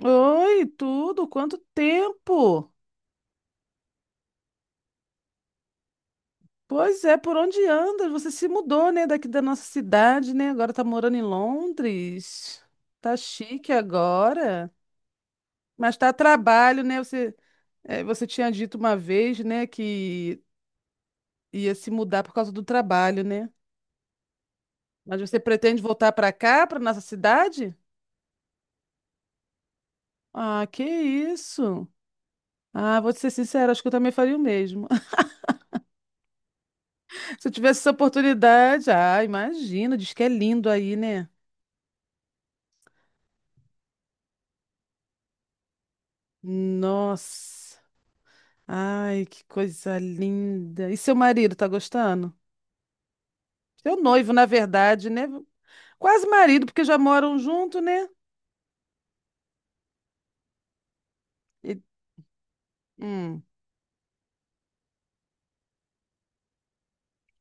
Oi, tudo? Quanto tempo? Pois é, por onde anda? Você se mudou, né, daqui da nossa cidade, né? Agora tá morando em Londres. Tá chique agora. Mas tá a trabalho, né? Você, é, você tinha dito uma vez, né, que ia se mudar por causa do trabalho, né? Mas você pretende voltar pra cá, pra nossa cidade? Ah, que isso? Ah, vou te ser sincera, acho que eu também faria o mesmo. Se eu tivesse essa oportunidade, ah, imagina, diz que é lindo aí, né? Nossa, ai, que coisa linda. E seu marido tá gostando? Seu noivo, na verdade, né? Quase marido, porque já moram junto, né? E- hum,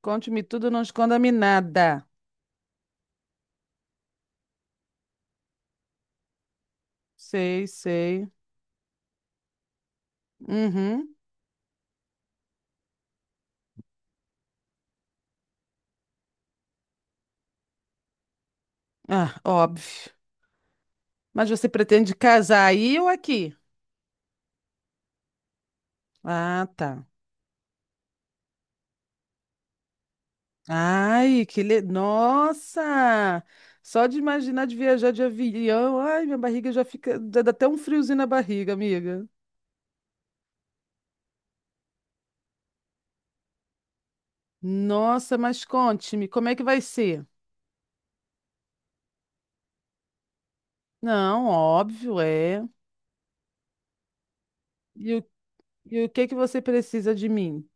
Conte-me tudo, não esconda-me nada. Sei, sei. Uhum. Ah, óbvio. Mas você pretende casar aí ou aqui? Ah, tá. Ai, que le... Nossa! Só de imaginar de viajar de avião, ai, minha barriga já fica, dá até um friozinho na barriga, amiga. Nossa, mas conte-me, como é que vai ser? Não, óbvio, é. E o, e o que que você precisa de mim?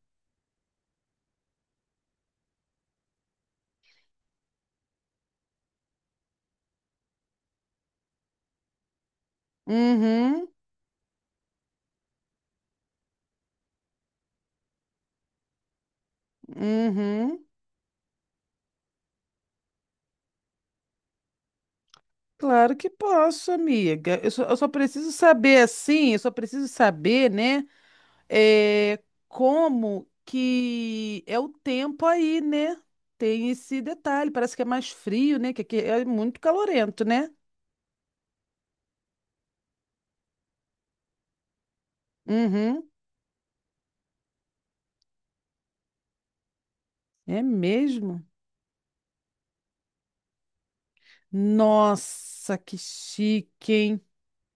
Uhum, uhum. Claro que posso, amiga. Eu só preciso saber assim, eu só preciso saber, né? É, como que é o tempo aí, né? Tem esse detalhe, parece que é mais frio, né? Que aqui é muito calorento, né? Uhum, é mesmo? Nossa, que chique, hein?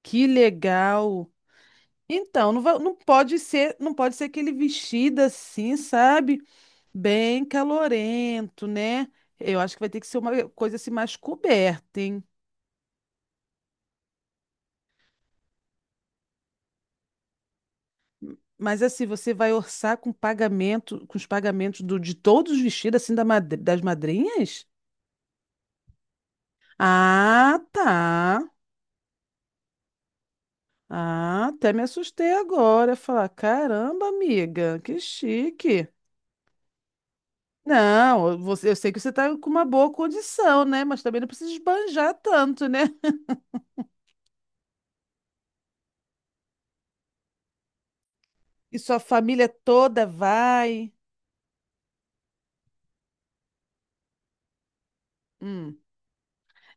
Que legal. Então, não, não pode ser, não pode ser aquele vestido assim, sabe? Bem calorento, né? Eu acho que vai ter que ser uma coisa assim mais coberta, hein? Mas assim, você vai orçar com pagamento, com os pagamentos do, de todos os vestidos assim das madrinhas? Ah, tá. Ah, até me assustei agora. Falar, caramba, amiga, que chique. Não, você, eu sei que você está com uma boa condição, né? Mas também não precisa esbanjar tanto, né? E sua família toda vai. Hum.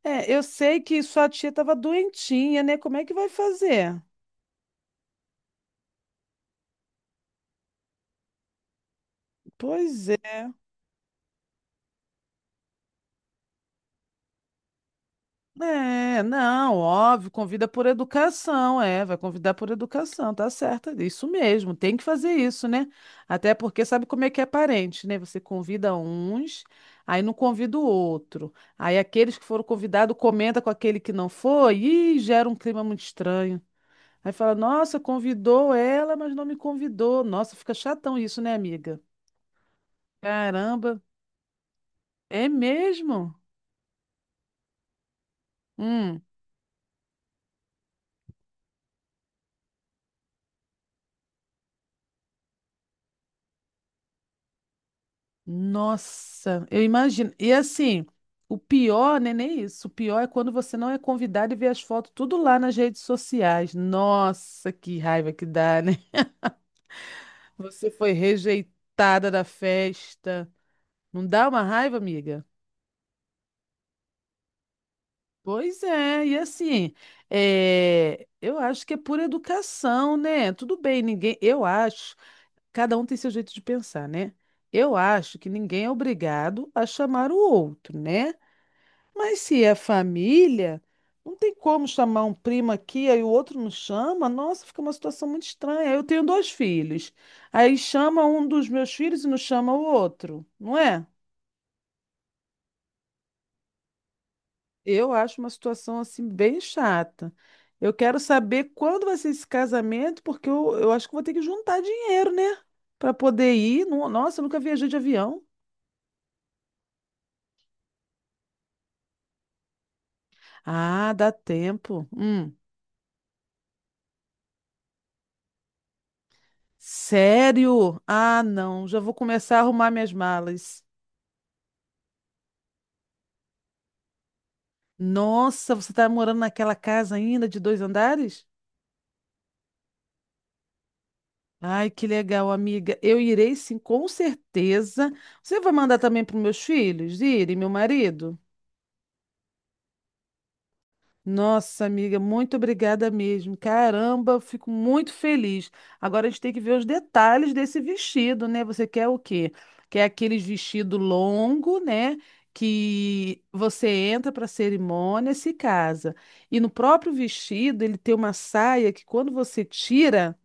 É, eu sei que sua tia estava doentinha, né? Como é que vai fazer? Pois é. É, não, óbvio, convida por educação, é, vai convidar por educação, tá certo, é isso mesmo, tem que fazer isso, né? Até porque sabe como é que é parente, né? Você convida uns, aí não convida o outro. Aí aqueles que foram convidados comenta com aquele que não foi e gera um clima muito estranho. Aí fala, nossa, convidou ela, mas não me convidou. Nossa, fica chatão isso, né, amiga? Caramba, é mesmo? Hum. Nossa, eu imagino. E assim, o pior, né, nem isso. O pior é quando você não é convidado e vê as fotos tudo lá nas redes sociais. Nossa, que raiva que dá, né? Você foi rejeitada da festa. Não dá uma raiva, amiga? Pois é, e assim, é, eu acho que é por educação, né? Tudo bem, ninguém. Eu acho, cada um tem seu jeito de pensar, né? Eu acho que ninguém é obrigado a chamar o outro, né? Mas se é família, não tem como chamar um primo aqui, aí o outro não chama. Nossa, fica uma situação muito estranha. Eu tenho dois filhos. Aí chama um dos meus filhos e não chama o outro, não é? Eu acho uma situação assim bem chata. Eu quero saber quando vai ser esse casamento, porque eu acho que vou ter que juntar dinheiro, né? Para poder ir. Nossa, eu nunca viajei de avião. Ah, dá tempo. Hum. Sério? Ah, não. Já vou começar a arrumar minhas malas. Nossa, você tá morando naquela casa ainda de dois andares? Ai, que legal, amiga. Eu irei sim, com certeza. Você vai mandar também para meus filhos irem, meu marido? Nossa, amiga, muito obrigada mesmo. Caramba, eu fico muito feliz. Agora a gente tem que ver os detalhes desse vestido, né? Você quer o quê? Quer aqueles vestido longo, né? Que você entra para a cerimônia, se casa. E no próprio vestido, ele tem uma saia que quando você tira.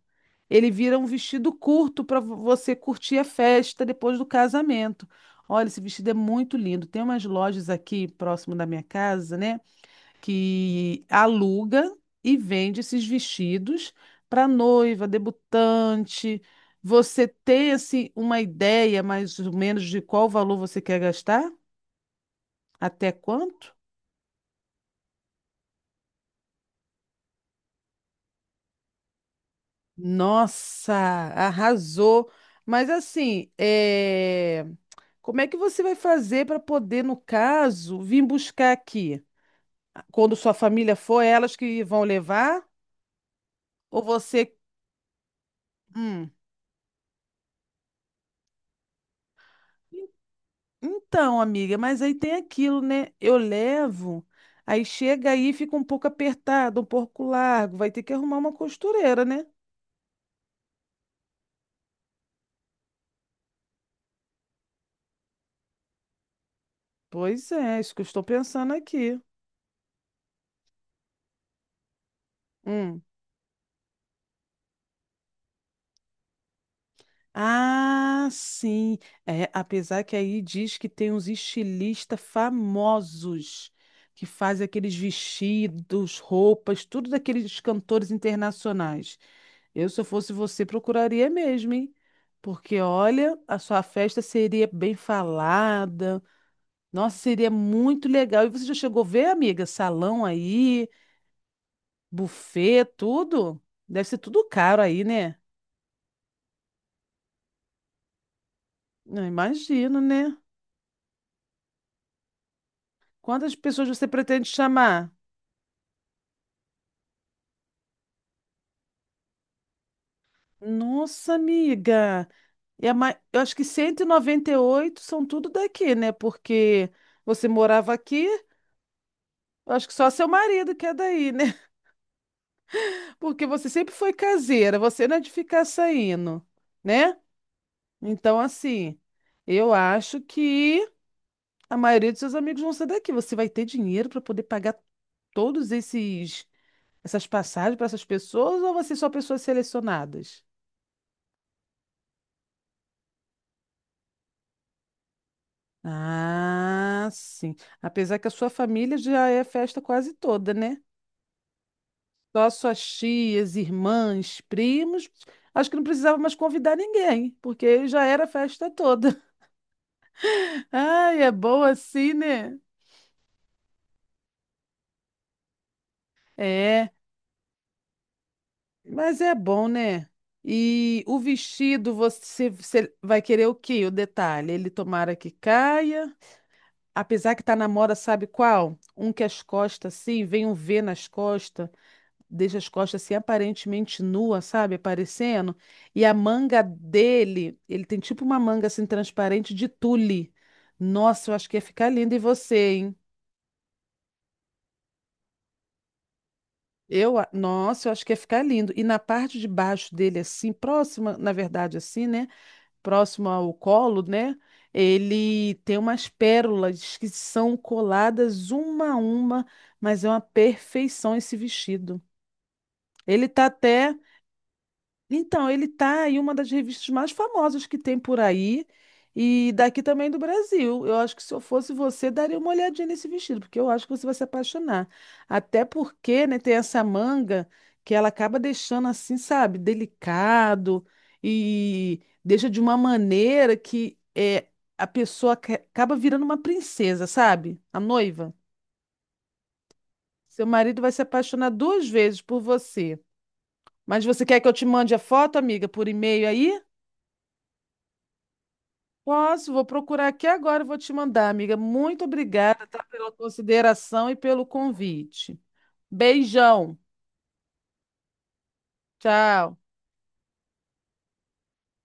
Ele vira um vestido curto para você curtir a festa depois do casamento. Olha, esse vestido é muito lindo. Tem umas lojas aqui próximo da minha casa, né, que aluga e vende esses vestidos para noiva, debutante. Você tem assim uma ideia mais ou menos de qual valor você quer gastar? Até quanto? Nossa, arrasou. Mas assim, é... Como é que você vai fazer para poder, no caso, vir buscar aqui? Quando sua família for, é elas que vão levar? Ou você. Hum. Então, amiga, mas aí tem aquilo, né? Eu levo, aí chega aí, e fica um pouco apertado, um pouco largo, vai ter que arrumar uma costureira, né? Pois é, isso que eu estou pensando aqui. Hum. Ah, sim. É, apesar que aí diz que tem uns estilistas famosos que fazem aqueles vestidos, roupas, tudo daqueles cantores internacionais. Eu, se eu fosse você, procuraria mesmo, hein? Porque, olha, a sua festa seria bem falada. Nossa, seria muito legal. E você já chegou a ver, amiga? Salão aí, buffet, tudo? Deve ser tudo caro aí, né? Não imagino, né? Quantas pessoas você pretende chamar? Nossa, amiga. Eu acho que cento e noventa e oito são tudo daqui, né? Porque você morava aqui, eu acho que só seu marido que é daí, né? Porque você sempre foi caseira, você não é de ficar saindo, né? Então, assim, eu acho que a maioria dos seus amigos vão ser daqui. Você vai ter dinheiro para poder pagar todos esses essas passagens para essas pessoas ou você só pessoas selecionadas? Ah, sim. Apesar que a sua família já é festa quase toda, né? Só as suas tias, irmãs, primos. Acho que não precisava mais convidar ninguém, porque já era a festa toda. Ai, é bom assim, né? É, mas é bom, né? E o vestido, você, você vai querer o quê? O detalhe, ele tomara que caia. Apesar que tá na moda, sabe qual? Um que as costas, assim, vem um V nas costas. Deixa as costas assim aparentemente nua, sabe? Aparecendo. E a manga dele, ele tem tipo uma manga assim transparente de tule. Nossa, eu acho que ia ficar lindo. E você, hein? Nossa, eu acho que ia ficar lindo. E na parte de baixo dele, assim, próxima, na verdade, assim, né? Próximo ao colo, né? Ele tem umas pérolas que são coladas uma a uma, mas é uma perfeição esse vestido. Ele tá até Então, ele tá em uma das revistas mais famosas que tem por aí e daqui também do Brasil. Eu acho que se eu fosse você, daria uma olhadinha nesse vestido, porque eu acho que você vai se apaixonar. Até porque, né, tem essa manga que ela acaba deixando assim, sabe, delicado e deixa de uma maneira que é, a pessoa acaba virando uma princesa, sabe? A noiva. Seu marido vai se apaixonar duas vezes por você. Mas você quer que eu te mande a foto, amiga, por e-mail aí? Posso, vou procurar aqui agora e vou te mandar, amiga. Muito obrigada, tá, pela consideração e pelo convite. Beijão. Tchau.